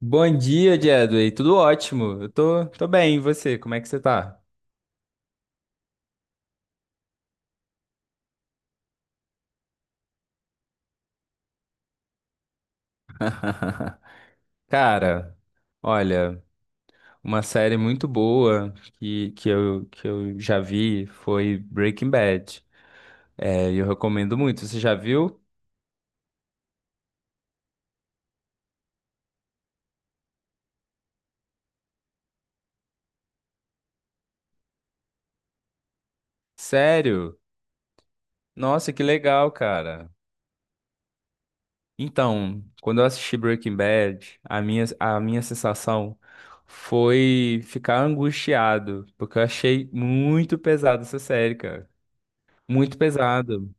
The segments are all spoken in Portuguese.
Bom dia, Jedway. Tudo ótimo. Eu tô bem. E você? Como é que você tá? Cara, olha, uma série muito boa que eu já vi foi Breaking Bad. É, eu recomendo muito. Você já viu? Sério? Nossa, que legal, cara. Então, quando eu assisti Breaking Bad, a minha sensação foi ficar angustiado, porque eu achei muito pesado essa série, cara. Muito pesado.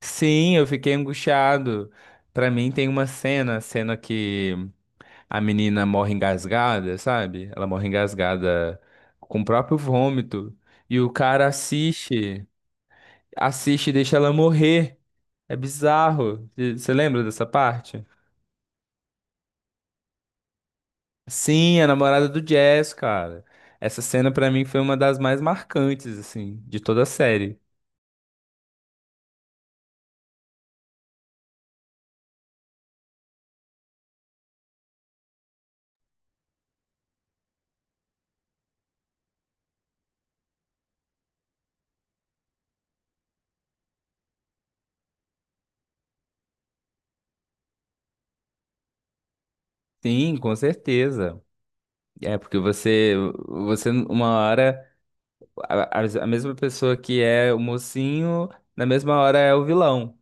Sim, eu fiquei angustiado. Pra mim tem uma cena, a cena que a menina morre engasgada, sabe? Ela morre engasgada com o próprio vômito e o cara assiste, assiste e deixa ela morrer. É bizarro. Você lembra dessa parte? Sim, a namorada do Jazz, cara. Essa cena pra mim foi uma das mais marcantes assim de toda a série. Sim, com certeza. É porque você uma hora a mesma pessoa que é o mocinho, na mesma hora é o vilão.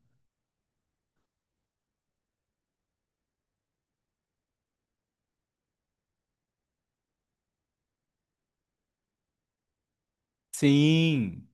Sim.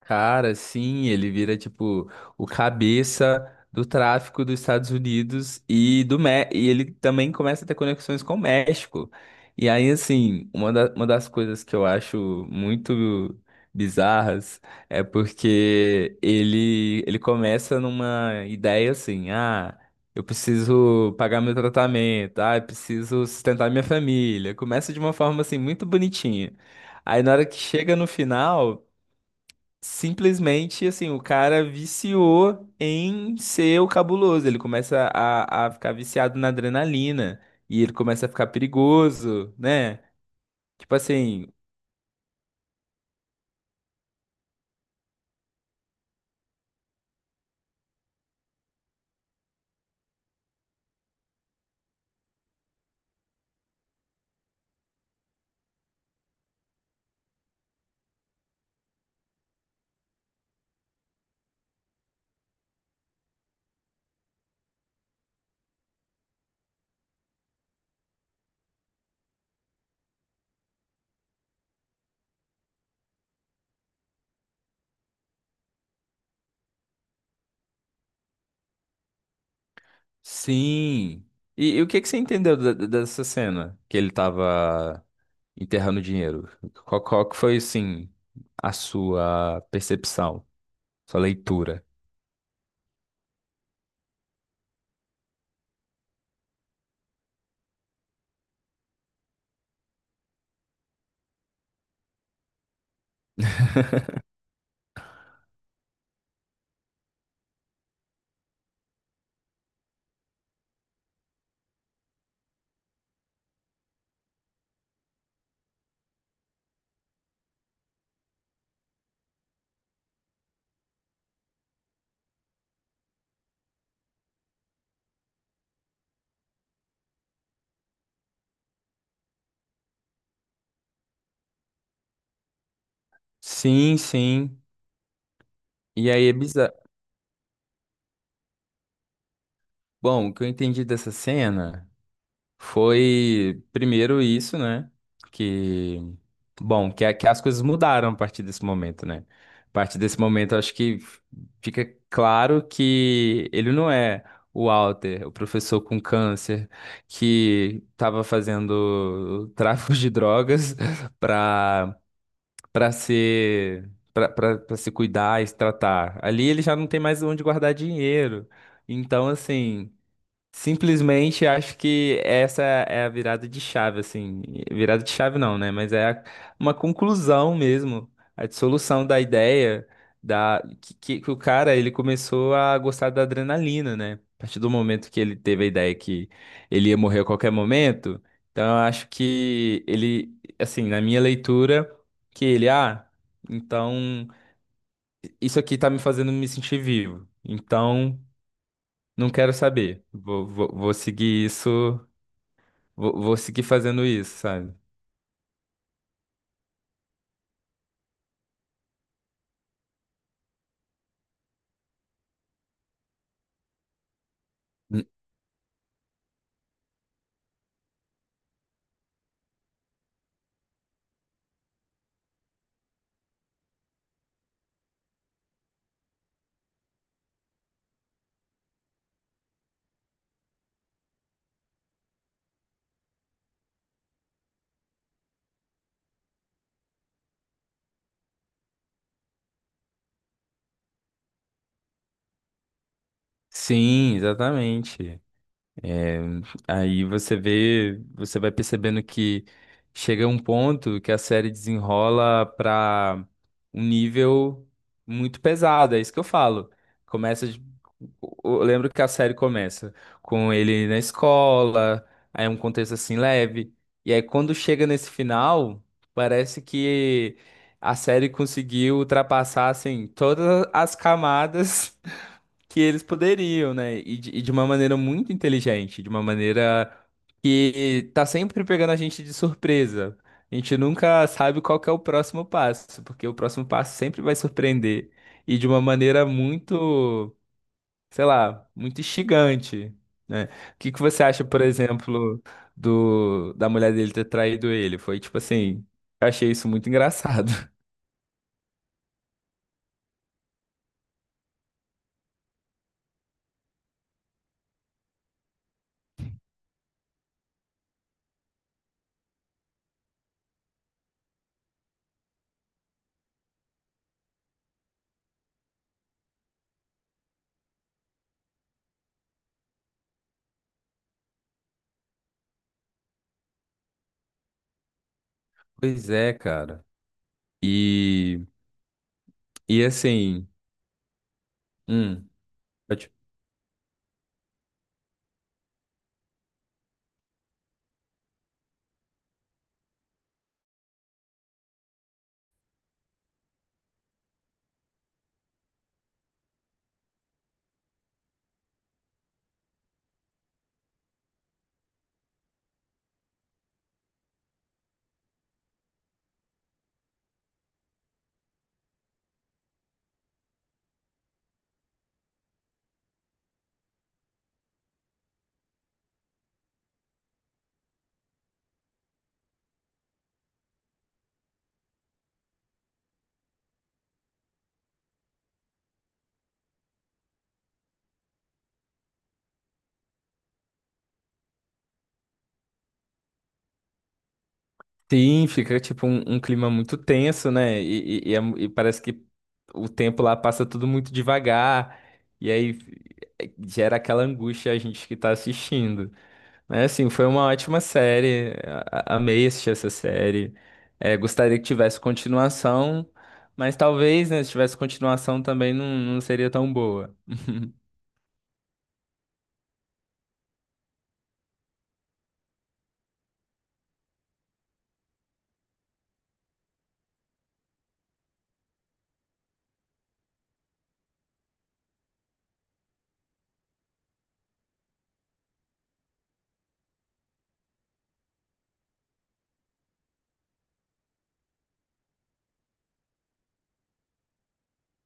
Cara, sim, ele vira tipo o cabeça do tráfico dos Estados Unidos e do Mé e ele também começa a ter conexões com o México. E aí, assim, uma das coisas que eu acho muito bizarras é porque ele começa numa ideia assim, ah, eu preciso pagar meu tratamento, ah, eu preciso sustentar minha família. Começa de uma forma assim muito bonitinha. Aí na hora que chega no final, simplesmente, assim, o cara viciou em ser o cabuloso. Ele começa a ficar viciado na adrenalina e ele começa a ficar perigoso, né? Tipo assim, sim. E o que que você entendeu dessa cena que ele tava enterrando dinheiro? Qual que foi, assim, a sua percepção, sua leitura? Sim, sim. E aí é bizarro. Bom, o que eu entendi dessa cena. Foi primeiro isso, né? Que, que as coisas mudaram a partir desse momento, né? A partir desse momento, eu acho que fica claro que ele não é o Walter, o professor com câncer, que estava fazendo tráfico de drogas para para ser para para se cuidar e se tratar. Ali ele já não tem mais onde guardar dinheiro. Então, assim, simplesmente acho que essa é a virada de chave, assim. Virada de chave não, né? Uma conclusão mesmo, a dissolução da ideia que o cara ele começou a gostar da adrenalina, né? A partir do momento que ele teve a ideia que ele ia morrer a qualquer momento, então eu acho que ele, assim, na minha leitura, que ele, ah, então isso aqui tá me fazendo me sentir vivo. Então não quero saber. Vou seguir isso. Vou seguir fazendo isso, sabe? N- Sim, exatamente. É, aí você vê, você vai percebendo que chega um ponto que a série desenrola para um nível muito pesado, é isso que eu falo. Começa, de- eu lembro que a série começa com ele na escola, aí é um contexto assim leve, e aí quando chega nesse final, parece que a série conseguiu ultrapassar assim todas as camadas que eles poderiam, né? E de uma maneira muito inteligente, de uma maneira que tá sempre pegando a gente de surpresa. A gente nunca sabe qual que é o próximo passo, porque o próximo passo sempre vai surpreender. E de uma maneira muito, sei lá, muito instigante, né? O que que você acha, por exemplo, do da mulher dele ter traído ele? Foi tipo assim, eu achei isso muito engraçado. Pois é, cara. E, e assim, hum, pode sim, fica tipo um clima muito tenso, né? E é e parece que o tempo lá passa tudo muito devagar, e aí gera aquela angústia a gente que tá assistindo. Mas assim, foi uma ótima série, amei assistir essa série. Gostaria que tivesse continuação, mas talvez, né, se tivesse continuação também não seria tão boa.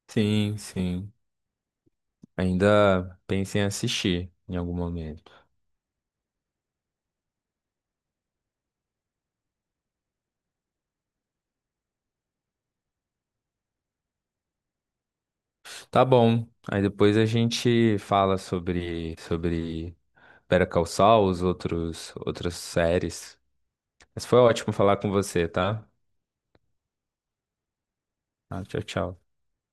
Sim, sim. Ainda pensem em assistir em algum momento. Tá bom. Aí depois a gente fala sobre Better Call Saul, os outros outras séries. Mas foi ótimo falar com você, tá? Ah, tchau, tchau.